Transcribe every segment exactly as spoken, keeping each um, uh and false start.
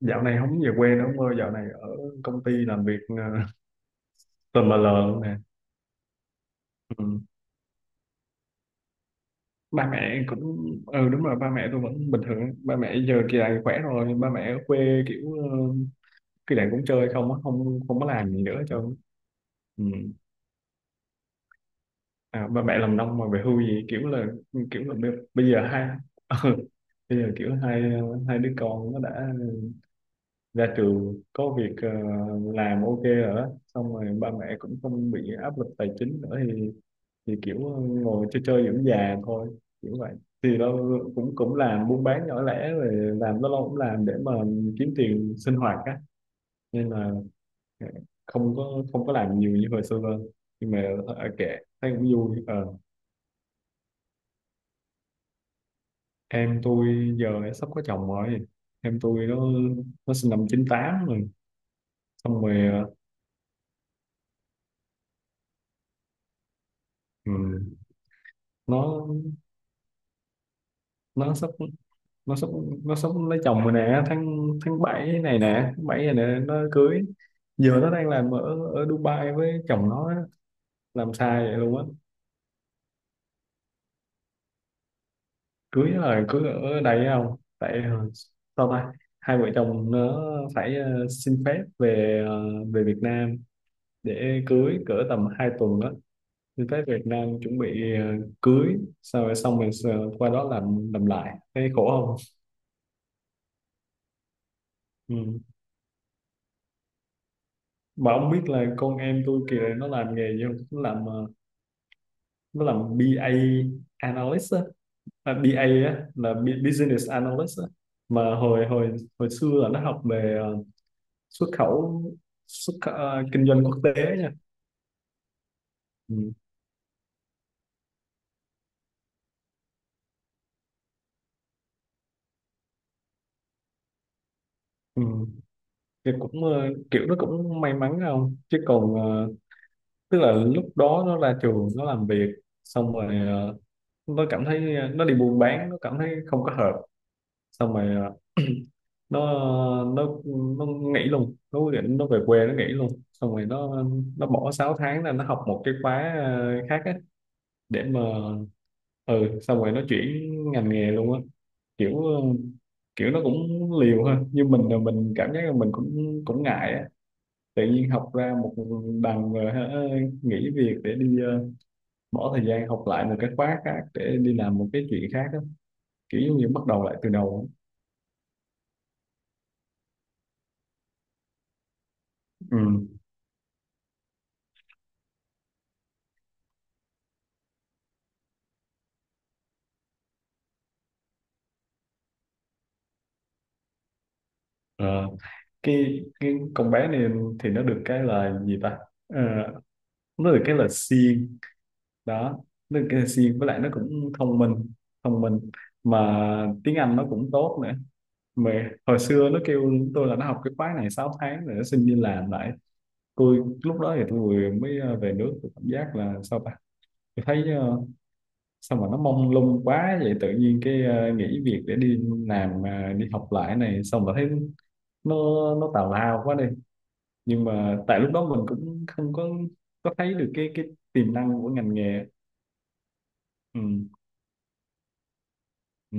Dạo này không về quê nữa ông ơi, dạo này ở công ty làm việc ờ, tùm lờ lờ luôn nè. Ừ. Ba mẹ cũng, ừ, đúng rồi, ba mẹ tôi vẫn bình thường, ba mẹ giờ kỳ này khỏe rồi, ba mẹ ở quê kiểu ờ, kỳ này cũng chơi không á, không không có làm gì nữa cho. Ừ. À, ba mẹ làm nông mà về hưu gì, kiểu là kiểu là bây bây giờ hai ừ, bây giờ kiểu hai hai đứa con nó đã ra trường có việc ờ, làm ok rồi đó, xong rồi ba mẹ cũng không bị áp lực tài chính nữa thì thì kiểu ờ, ngồi chơi chơi dưỡng già thôi, kiểu vậy. Thì nó cũng cũng làm buôn bán nhỏ lẻ rồi, làm nó lâu cũng làm để mà kiếm tiền sinh hoạt á, nên là ờ, không có không có làm nhiều như hồi xưa hơn, nhưng mà ờ, kệ, thấy cũng vui. Ờ, em tôi giờ đã sắp có chồng rồi, em tôi nó nó sinh năm chín tám rồi. Xong rồi ờ, ừ, nó nó sắp nó sắp nó sắp lấy chồng rồi nè, tháng tháng bảy này nè, tháng bảy này nè nó cưới. Giờ nó đang làm ở ở Dubai với chồng nó á, làm sai vậy luôn á. Cưới là cưới ở đây, không tại ờ, sao ta, hai vợ chồng nó phải ờ, xin phép về ờ, về Việt Nam để cưới cỡ tầm hai tuần đó. Xin phép Việt Nam chuẩn bị ờ, cưới, sau rồi xong rồi sờ- qua đó làm làm lại, thấy khổ không. Ừ. Mà ông biết là con em tôi kìa nó làm nghề gì không, nó làm ờ, nó là bê A analyst á. À, bê A á, là business analyst á. Mà hồi hồi hồi xưa là nó học về ờ, xuất khẩu, xuất khẩu, ờ, kinh doanh quốc tế nha. Ừ. Ừ. Thì cũng ờ, kiểu nó cũng may mắn, không chứ còn ờ, tức là lúc đó nó ra trường nó làm việc, xong rồi ờ, nó cảm thấy ờ, nó đi buôn bán nó cảm thấy không có hợp. Xong rồi ờ, nó nó nó nghỉ luôn, nó quyết định nó về quê nó nghỉ luôn. Xong rồi nó nó bỏ sáu tháng là nó học một cái khóa ờ, khác á, để mà, ừ, xong rồi nó chuyển ngành nghề luôn á, kiểu ờ, kiểu nó cũng liều ha, như mình là mình cảm giác là mình cũng cũng ngại á. Tự nhiên học ra một đằng rồi hả, ờ, nghỉ việc để đi ờ, bỏ thời gian học lại một cái khóa khác để đi làm một cái chuyện khác á, kiểu giống như bắt đầu lại từ đầu á. Ừ, cái cái con bé này thì nó được cái là gì ta, Ờ, nó được cái là siêng đó, nó được cái là siêng, với lại nó cũng thông minh. thông minh mà tiếng Anh nó cũng tốt nữa. Mà hồi xưa nó kêu tôi là nó học cái khóa này sáu tháng rồi nó xin đi làm lại. Tôi lúc đó thì tôi vừa mới ờ, về nước, tôi cảm giác là sao ta. Tôi thấy ờ, sao mà nó mông lung quá vậy, tự nhiên cái ờ, nghỉ việc để đi làm ờ, đi học lại này, xong rồi thấy nó nó tào lao quá đi. Nhưng mà tại lúc đó mình cũng không có có thấy được cái cái tiềm năng của ngành nghề. Ừ, ừ.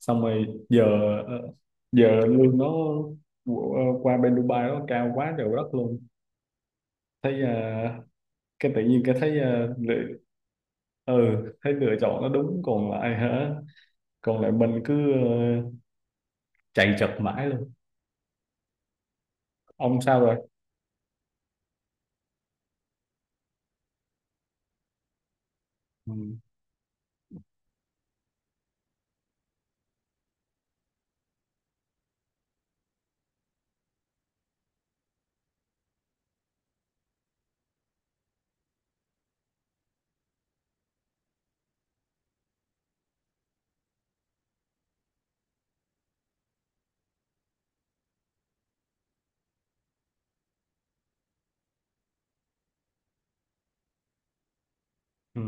Xong rồi giờ ờ, giờ lương nó của- ờ, qua bên Dubai nó cao quá trời đất luôn. Thấy ờ, cái tự nhiên cái thấy ờ, lựa, ừ, thấy lựa chọn nó đúng, còn lại hả, còn lại mình cứ ờ, chạy chật mãi luôn. Ông sao rồi? Ừ, ừ,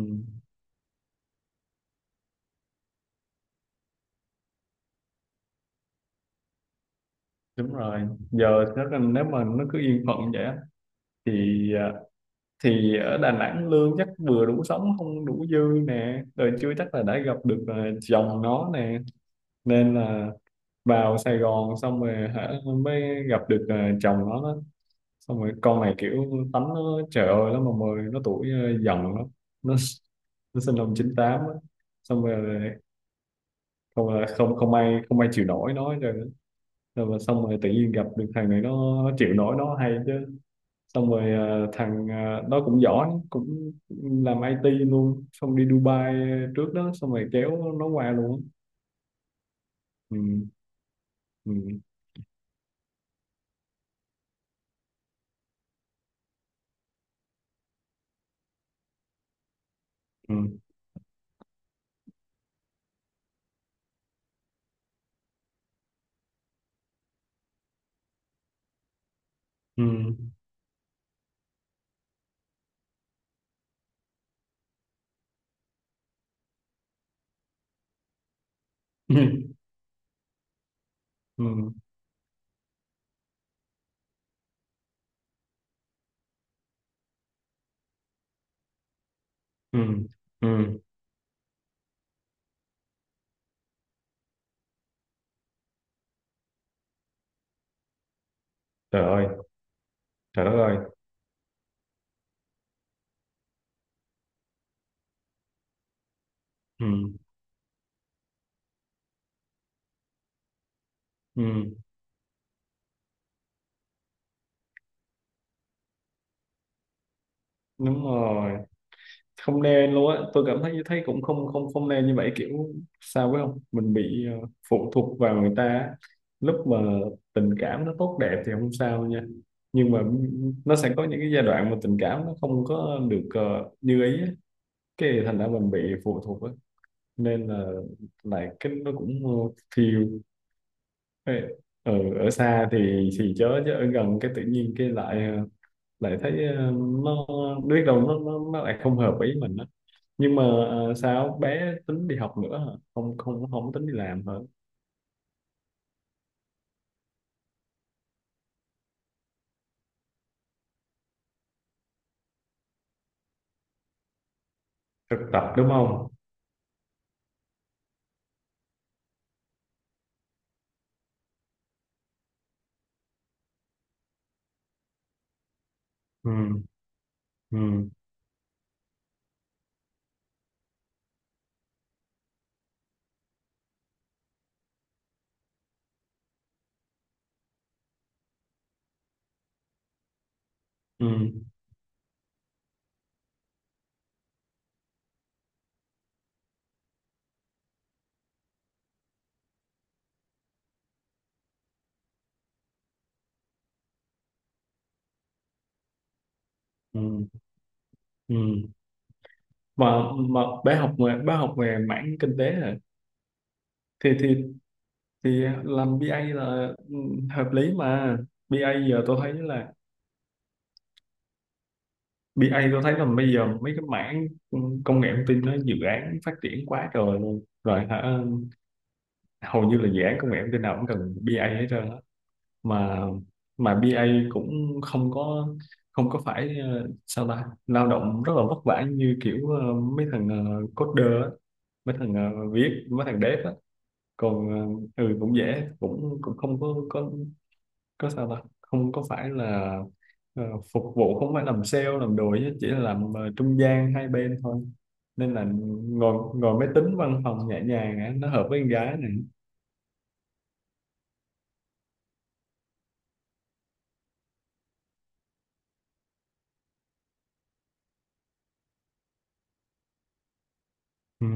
đúng rồi. Giờ nếu nếu mà nó cứ yên phận vậy á, thì, à, thì ở Đà Nẵng lương chắc vừa đủ sống không đủ dư nè, rồi chưa chắc là đã gặp được ờ, chồng nó nè, nên là vào Sài Gòn xong rồi hả, mới gặp được ờ, chồng nó đó. Xong rồi con này kiểu tánh nó trời ơi, nó mà mười nó tuổi ờ, dần lắm. nó nó sinh năm chín tám á. Xong rồi không, à, không không ai không ai chịu nổi nó hết trơn á. Rồi mà xong rồi tự nhiên gặp được thằng này, nó, nó chịu nổi nó hay chứ. Xong rồi ờ, thằng ờ, nó cũng giỏi, cũng làm ai ti luôn, xong đi Dubai trước đó, xong rồi kéo nó qua luôn. Ừ, ừ, ừ, ừ, ừ, ừ, ừ, ừ. Trời ơi, trời đất ơi. Ừ, ừ. Đúng rồi, không nên luôn á, tôi cảm thấy, thấy cũng không không không nên như vậy, kiểu sao phải không, mình bị ờ, phụ thuộc vào người ta á. Lúc mà tình cảm nó tốt đẹp thì không sao nha, nhưng mà nó sẽ có những cái giai đoạn mà tình cảm nó không có được ờ, như ý á, cái thì thành ra mình bị phụ thuộc á, nên là lại cái nó cũng ờ, thiêu Ê, ở ở xa thì thì chớ chứ ở gần cái tự nhiên cái lại ờ, lại thấy ờ, nó biết đâu nó nó, nó lại không hợp ý mình á. Nhưng mà ờ, sao bé tính đi học nữa hả? Không không không tính đi làm hả? Thực tập đúng không? Ừ, ừ, ừ, ừ, ừ. Mà mà bé học về, bé học về mảng kinh tế hả? thì thì thì làm bê A là, ừ, hợp lý mà. Bê A giờ tôi thấy là, bê A tôi thấy là bây giờ mấy cái mảng, ừ, công nghệ thông tin nó dự án phát triển quá trời luôn rồi hả, hầu như là dự án công nghệ thông tin nào cũng cần bê A hết trơn. Mà mà bê A cũng không có không có phải ờ, sao ta, lao động rất là vất vả như kiểu ờ, mấy thằng ờ, coder á, mấy thằng ờ, viết mấy thằng dev á. Còn ờ, ừ cũng dễ, cũng cũng không có có có sao ta, không có phải là ờ, phục vụ, không phải làm sale làm đồ, chứ chỉ là làm ờ, trung gian hai bên thôi, nên là ngồi, ngồi máy tính văn phòng nhẹ nhàng á, nó hợp với con gái này. Ừ,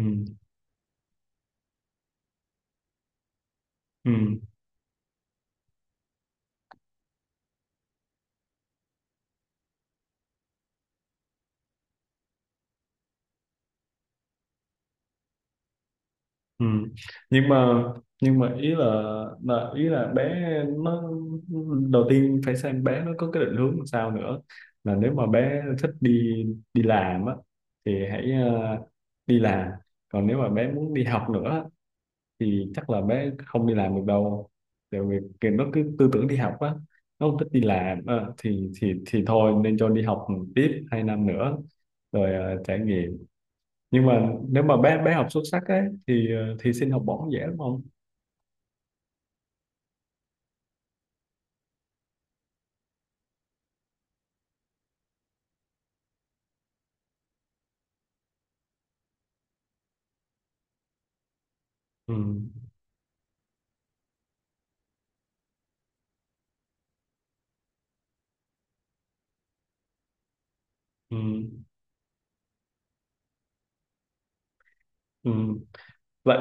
ừ. Ừ. Nhưng mà, nhưng mà ý là, là ý là bé nó đầu tiên phải xem bé nó có cái định hướng làm sao nữa. Là nếu mà bé thích đi đi làm á thì hãy ờ, đi làm, còn nếu mà bé muốn đi học nữa thì chắc là bé không đi làm được đâu, tại vì cái, nó cứ tư tưởng đi học á, nó không thích đi làm ờ, thì thì thì thôi nên cho đi học tiếp hai năm nữa rồi ờ, trải nghiệm. Nhưng mà nếu mà bé bé học xuất sắc ấy thì ờ, thì xin học bổng dễ đúng không? Ừ, ừ, ừ. Vậy,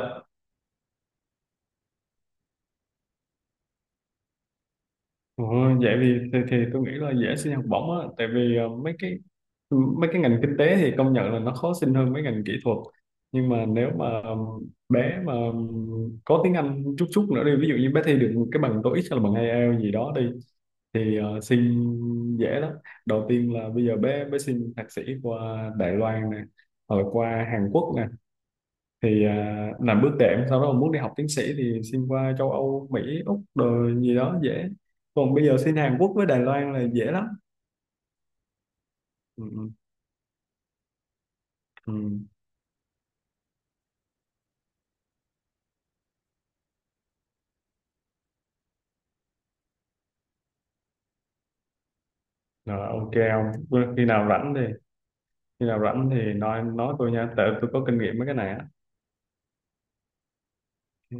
Ồ, vậy thì, thì thì tôi nghĩ là dễ xin học bổng á, tại vì ờ, mấy cái mấy cái ngành kinh tế thì công nhận là nó khó xin hơn mấy ngành kỹ thuật, nhưng mà nếu mà, ừm, bé mà, ừm, có tiếng Anh chút chút nữa đi, ví dụ như bé thi được cái bằng TOEIC hay là bằng IELTS gì đó đi, thì ờ, xin dễ lắm. Đầu tiên là bây giờ bé bé xin thạc sĩ qua Đài Loan nè, rồi qua Hàn Quốc nè, thì, à, làm bước đệm, sau đó mà muốn đi học tiến sĩ thì xin qua châu Âu, Mỹ, Úc rồi gì đó dễ. Còn bây giờ xin Hàn Quốc với Đài Loan là dễ lắm. Ừ, ừ, ừ. Rồi, ok, ông khi nào rảnh thì, khi nào rảnh thì nói nói tôi nha, tại tôi có kinh nghiệm mấy cái này á.